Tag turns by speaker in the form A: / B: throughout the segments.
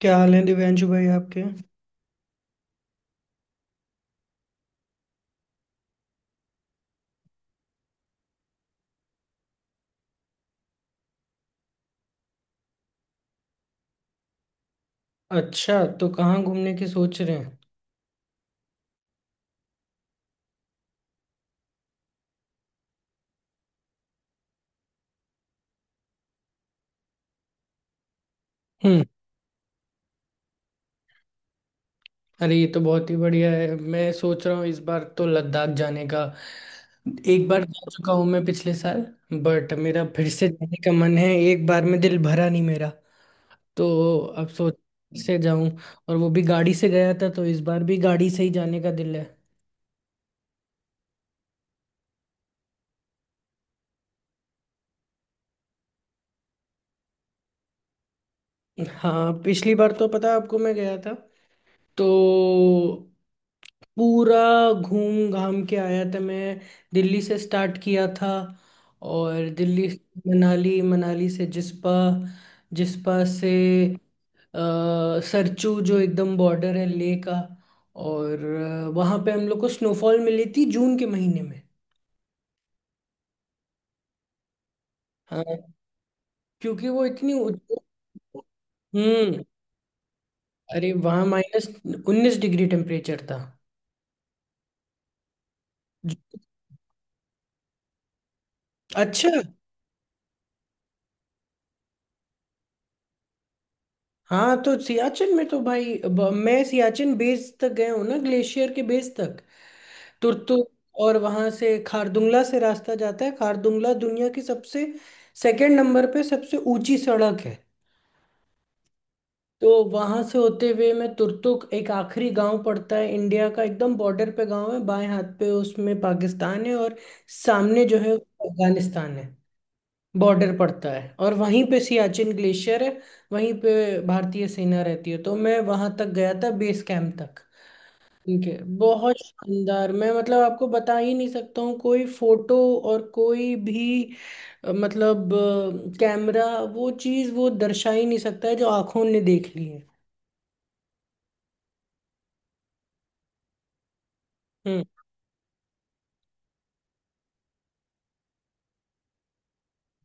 A: क्या हाल है दिव्यांशु भाई आपके? अच्छा, तो कहाँ घूमने की सोच रहे हैं? हम्म। अरे, ये तो बहुत ही बढ़िया है। मैं सोच रहा हूँ इस बार तो लद्दाख जाने का। एक बार जा चुका हूँ मैं पिछले साल। बट मेरा फिर से जाने का मन है, एक बार में दिल भरा नहीं मेरा। तो अब सोच से जाऊं, और वो भी गाड़ी से गया था तो इस बार भी गाड़ी से ही जाने का दिल है। हाँ, पिछली बार तो पता है आपको मैं गया था, तो पूरा घूम घाम के आया था मैं। दिल्ली से स्टार्ट किया था, और दिल्ली से मनाली, मनाली से जिस्पा, जिस्पा से सरचू, जो एकदम बॉर्डर है लेह का। और वहाँ पे हम लोग को स्नोफॉल मिली थी जून के महीने में। हाँ, क्योंकि वो इतनी हम्म। अरे, वहाँ माइनस 19 डिग्री टेम्परेचर था। अच्छा। हाँ, तो सियाचिन में तो भाई अब मैं सियाचिन बेस तक गया हूँ ना, ग्लेशियर के बेस तक। तुर्तु और वहां से खारदुंगला से रास्ता जाता है। खारदुंगला दुनिया की सबसे, सेकंड नंबर पे सबसे ऊंची सड़क है। तो वहां से होते हुए मैं तुर्तुक, एक आखिरी गांव पड़ता है इंडिया का, एकदम बॉर्डर पे गांव है, बाएं हाथ पे उसमें पाकिस्तान है और सामने जो है अफगानिस्तान है, बॉर्डर पड़ता है, और वहीं पे सियाचिन ग्लेशियर है। वहीं पे भारतीय सेना रहती है, तो मैं वहां तक गया था बेस कैंप तक। ठीक है, बहुत शानदार, मैं मतलब आपको बता ही नहीं सकता हूँ। कोई फोटो और कोई भी मतलब कैमरा, वो चीज़ वो दर्शा ही नहीं सकता है जो आंखों ने देख ली है। हम्म।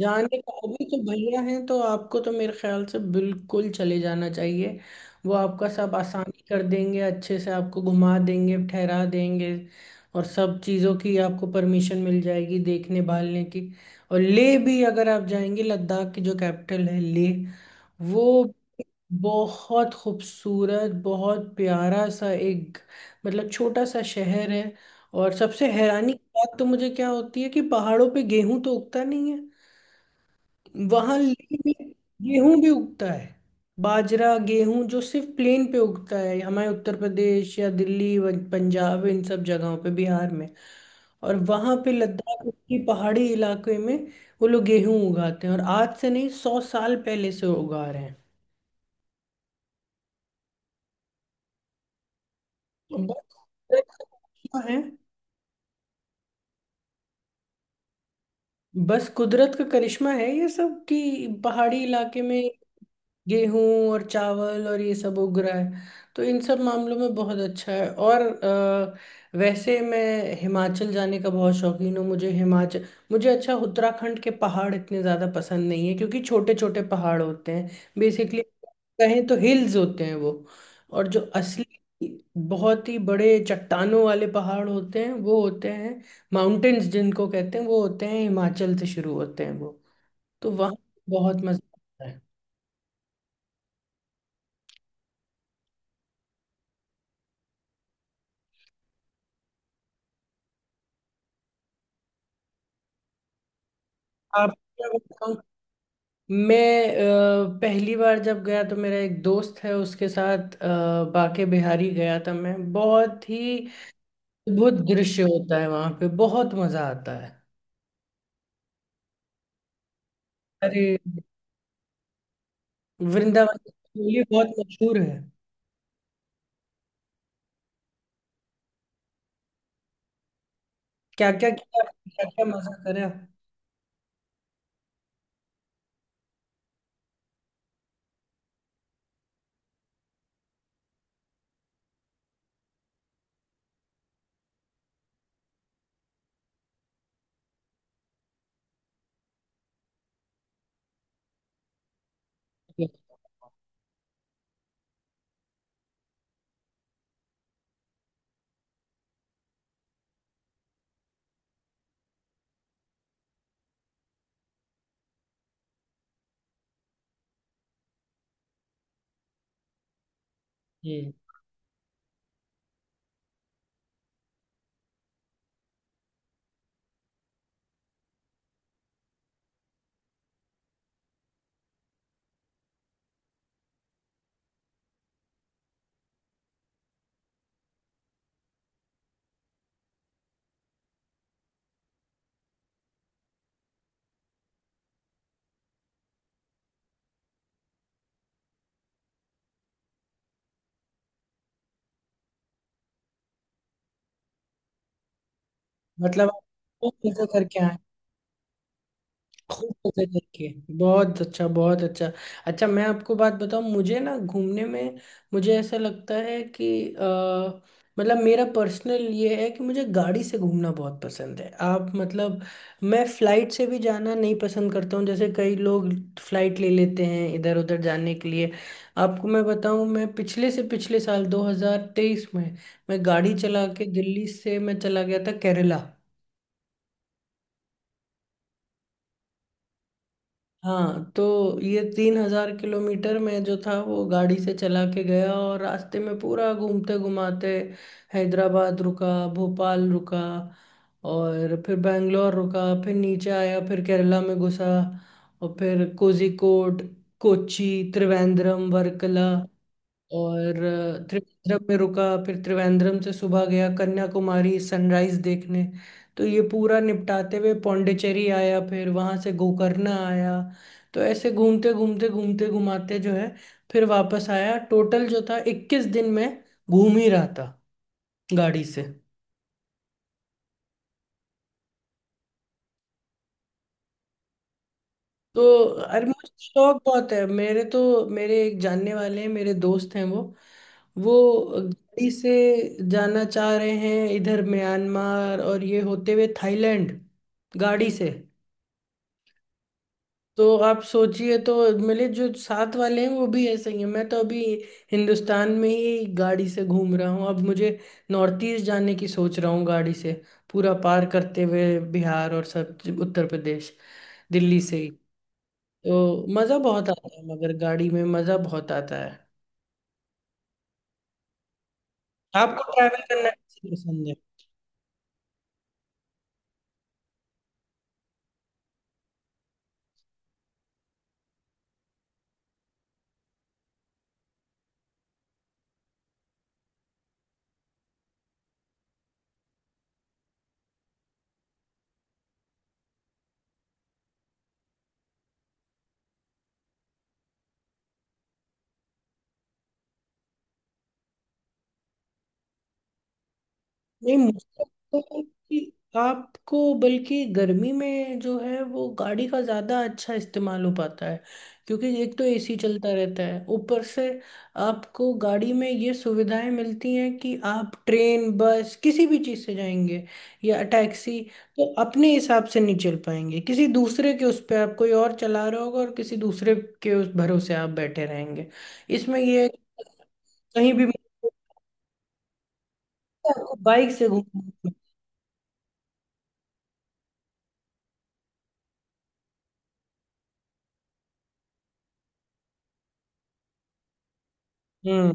A: जाने का अभी तो भैया हैं, तो आपको तो मेरे ख्याल से बिल्कुल चले जाना चाहिए। वो आपका सब आसानी कर देंगे, अच्छे से आपको घुमा देंगे, ठहरा देंगे, और सब चीज़ों की आपको परमिशन मिल जाएगी देखने भालने की। और ले भी अगर आप जाएंगे, लद्दाख की जो कैपिटल है ले, वो बहुत खूबसूरत, बहुत प्यारा सा एक, मतलब छोटा सा शहर है। और सबसे हैरानी की बात तो मुझे क्या होती है कि पहाड़ों पे गेहूं तो उगता नहीं है, वहां लेह में गेहूं भी उगता है। बाजरा, गेहूं जो सिर्फ प्लेन पे उगता है हमारे उत्तर प्रदेश या दिल्ली, पंजाब, इन सब जगहों पे, बिहार में, और वहां पे लद्दाख की पहाड़ी इलाके में वो लोग गेहूं उगाते हैं, और आज से नहीं, 100 साल पहले से उगा रहे हैं। तो बस कुदरत का करिश्मा है। बस कुदरत का करिश्मा है ये सब, कि पहाड़ी इलाके में गेहूं और चावल और ये सब उग रहा है। तो इन सब मामलों में बहुत अच्छा है। और वैसे मैं हिमाचल जाने का बहुत शौकीन हूँ, मुझे हिमाचल, मुझे अच्छा। उत्तराखंड के पहाड़ इतने ज़्यादा पसंद नहीं है क्योंकि छोटे छोटे पहाड़ होते हैं, बेसिकली कहें तो हिल्स होते हैं वो। और जो असली बहुत ही बड़े चट्टानों वाले पहाड़ होते हैं, वो होते हैं माउंटेन्स, जिनको कहते हैं, वो होते हैं, हिमाचल से शुरू होते हैं वो। तो वहाँ बहुत मज़ा आता है। आप, मैं पहली बार जब गया तो मेरा एक दोस्त है उसके साथ बांके बिहारी गया था मैं, बहुत ही अद्भुत दृश्य होता है वहां पे, बहुत मजा आता है। अरे, वृंदावन की चोली बहुत मशहूर है। क्या क्या किया, क्या क्या मजा करा? जी। मतलब आप बहुत मजा करके आए, खूब मजे करके। बहुत अच्छा, बहुत अच्छा। अच्छा, मैं आपको बात बताऊं, मुझे ना घूमने में, मुझे ऐसा लगता है कि अ, मतलब मेरा पर्सनल ये है कि मुझे गाड़ी से घूमना बहुत पसंद है। आप मतलब, मैं फ्लाइट से भी जाना नहीं पसंद करता हूँ, जैसे कई लोग फ्लाइट ले लेते हैं इधर उधर जाने के लिए। आपको मैं बताऊं, मैं पिछले से पिछले साल 2023 में, मैं गाड़ी चला के दिल्ली से मैं चला गया था केरला। हाँ, तो ये 3,000 किलोमीटर में जो था, वो गाड़ी से चला के गया, और रास्ते में पूरा घूमते घुमाते हैदराबाद रुका, भोपाल रुका, और फिर बैंगलोर रुका, फिर नीचे आया, फिर केरला में घुसा, और फिर कोझिकोड, कोची, त्रिवेंद्रम, वर्कला, और त्रिवेंद्रम में रुका। फिर त्रिवेंद्रम से सुबह गया कन्याकुमारी सनराइज देखने। तो ये पूरा निपटाते हुए पौंडीचेरी आया, फिर वहां से गोकर्ण आया। तो ऐसे घूमते घूमते घूमते घुमाते जो है, फिर वापस आया। टोटल जो था 21 दिन में घूम ही रहा था गाड़ी से। तो अरे, मुझे शौक बहुत है। मेरे तो, मेरे एक जानने वाले हैं, मेरे दोस्त हैं, वो गाड़ी से जाना चाह रहे हैं इधर म्यांमार और ये होते हुए थाईलैंड, गाड़ी से। तो आप सोचिए। तो मेरे जो साथ वाले हैं वो भी ऐसे ही हैं। मैं तो अभी हिंदुस्तान में ही गाड़ी से घूम रहा हूँ, अब मुझे नॉर्थ ईस्ट जाने की सोच रहा हूँ, गाड़ी से, पूरा पार करते हुए बिहार और सब, उत्तर प्रदेश, दिल्ली से ही। तो मजा बहुत आता है, मगर गाड़ी में मजा बहुत आता है। आपको ट्रैवल करना कैसे पसंद है? नहीं, मुझे तो कि आपको, बल्कि गर्मी में जो है वो गाड़ी का ज़्यादा अच्छा इस्तेमाल हो पाता है। क्योंकि एक तो एसी चलता रहता है, ऊपर से आपको गाड़ी में ये सुविधाएं मिलती हैं कि आप ट्रेन, बस, किसी भी चीज़ से जाएंगे या टैक्सी, तो अपने हिसाब से नहीं चल पाएंगे, किसी दूसरे के उस पर, आप, कोई और चला रहा होगा और किसी दूसरे के उस भरोसे आप बैठे रहेंगे। इसमें ये है कि कहीं भी आपको बाइक से घूमना, हम्म,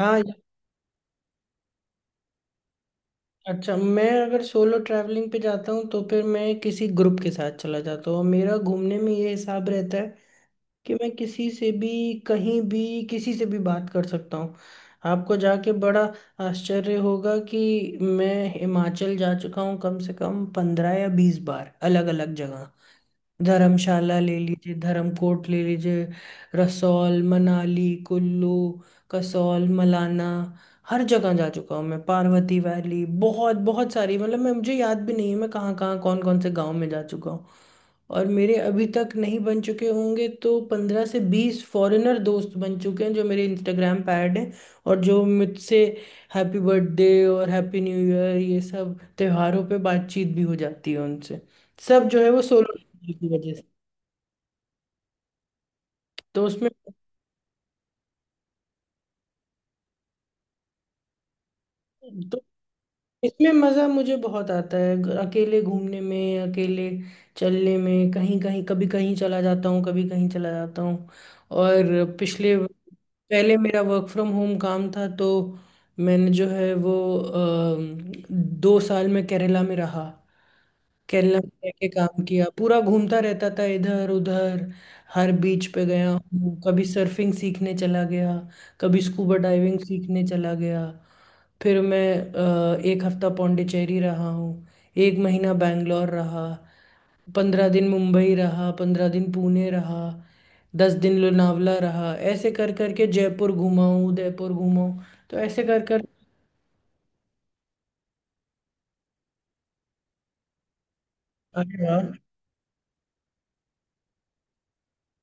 A: हाँ। अच्छा, मैं अगर सोलो ट्रैवलिंग पे जाता हूँ तो फिर मैं किसी ग्रुप के साथ चला जाता हूँ। मेरा घूमने में ये हिसाब रहता है कि मैं किसी से भी, कहीं भी, किसी से भी बात कर सकता हूँ। आपको जाके बड़ा आश्चर्य होगा कि मैं हिमाचल जा चुका हूँ कम से कम 15 या 20 बार, अलग अलग जगह। धर्मशाला ले लीजिए, धर्मकोट ले लीजिए, रसौल, मनाली, कुल्लू, कसौल, मलाना, हर जगह जा चुका हूँ मैं, पार्वती वैली, बहुत बहुत सारी, मतलब मैं, मुझे याद भी नहीं है मैं कहाँ कहाँ कौन कौन से गांव में जा चुका हूँ। और मेरे अभी तक नहीं बन चुके होंगे तो 15 से 20 फॉरेनर दोस्त बन चुके हैं जो मेरे इंस्टाग्राम पे ऐड हैं, और जो मुझसे हैप्पी बर्थडे और हैप्पी न्यू ईयर, ये सब त्योहारों पे बातचीत भी हो जाती है उनसे। सब जो है वो सोलो की वजह से। तो उसमें, तो इसमें मज़ा मुझे बहुत आता है, अकेले घूमने में, अकेले चलने में, कहीं कहीं, कभी कहीं चला जाता हूँ, कभी कहीं चला जाता हूँ। और पिछले, पहले मेरा वर्क फ्रॉम होम काम था, तो मैंने जो है वो अ, 2 साल में केरला में रहा। केरला में रह के काम किया, पूरा घूमता रहता था इधर उधर। हर बीच पे गया हूँ, कभी सर्फिंग सीखने चला गया, कभी स्कूबा डाइविंग सीखने चला गया। फिर मैं एक हफ्ता पौंडीचेरी रहा हूँ, एक महीना बैंगलोर रहा, 15 दिन मुंबई रहा, 15 दिन पुणे रहा, 10 दिन लोनावला रहा, ऐसे कर करके जयपुर घुमा हूँ, उदयपुर घुमा हूँ। तो ऐसे कर कर, अरे वाह,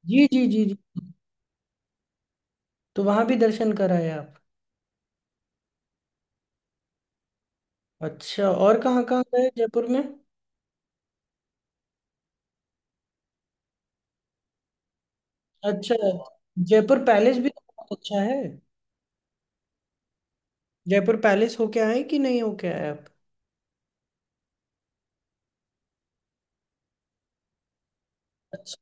A: जी जी जी जी, तो वहां भी दर्शन कराया। अच्छा, और कहाँ कहाँ गए जयपुर में? अच्छा। जयपुर पैलेस भी तो बहुत अच्छा है, जयपुर पैलेस होके आए कि नहीं होके आए आप? अच्छा।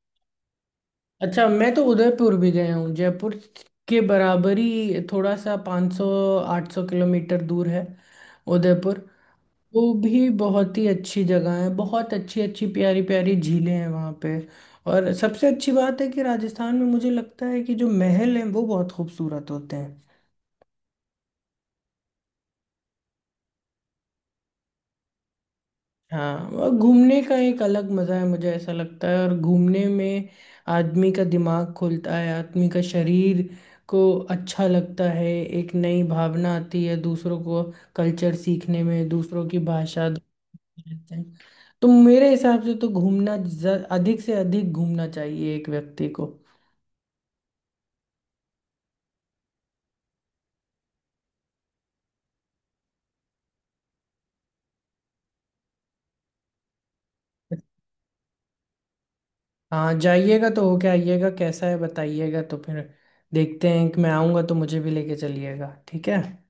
A: अच्छा, मैं तो उदयपुर भी गया हूँ, जयपुर के बराबर ही, थोड़ा सा 500, 800 किलोमीटर दूर है उदयपुर। वो भी बहुत ही अच्छी जगह है, बहुत अच्छी अच्छी प्यारी प्यारी झीलें हैं वहाँ पे। और सबसे अच्छी बात है कि राजस्थान में मुझे लगता है कि जो महल हैं वो बहुत खूबसूरत होते हैं। हाँ, और घूमने का एक अलग मज़ा है, मुझे ऐसा लगता है, और घूमने में आदमी का दिमाग खुलता है, आदमी का शरीर को अच्छा लगता है, एक नई भावना आती है, दूसरों को, कल्चर सीखने में, दूसरों की भाषा देखते हैं। तो मेरे हिसाब से तो घूमना, अधिक से अधिक घूमना चाहिए एक व्यक्ति को। हाँ, जाइएगा तो होके आइएगा, कैसा है बताइएगा, तो फिर देखते हैं कि मैं आऊँगा तो मुझे भी लेके चलिएगा। ठीक है।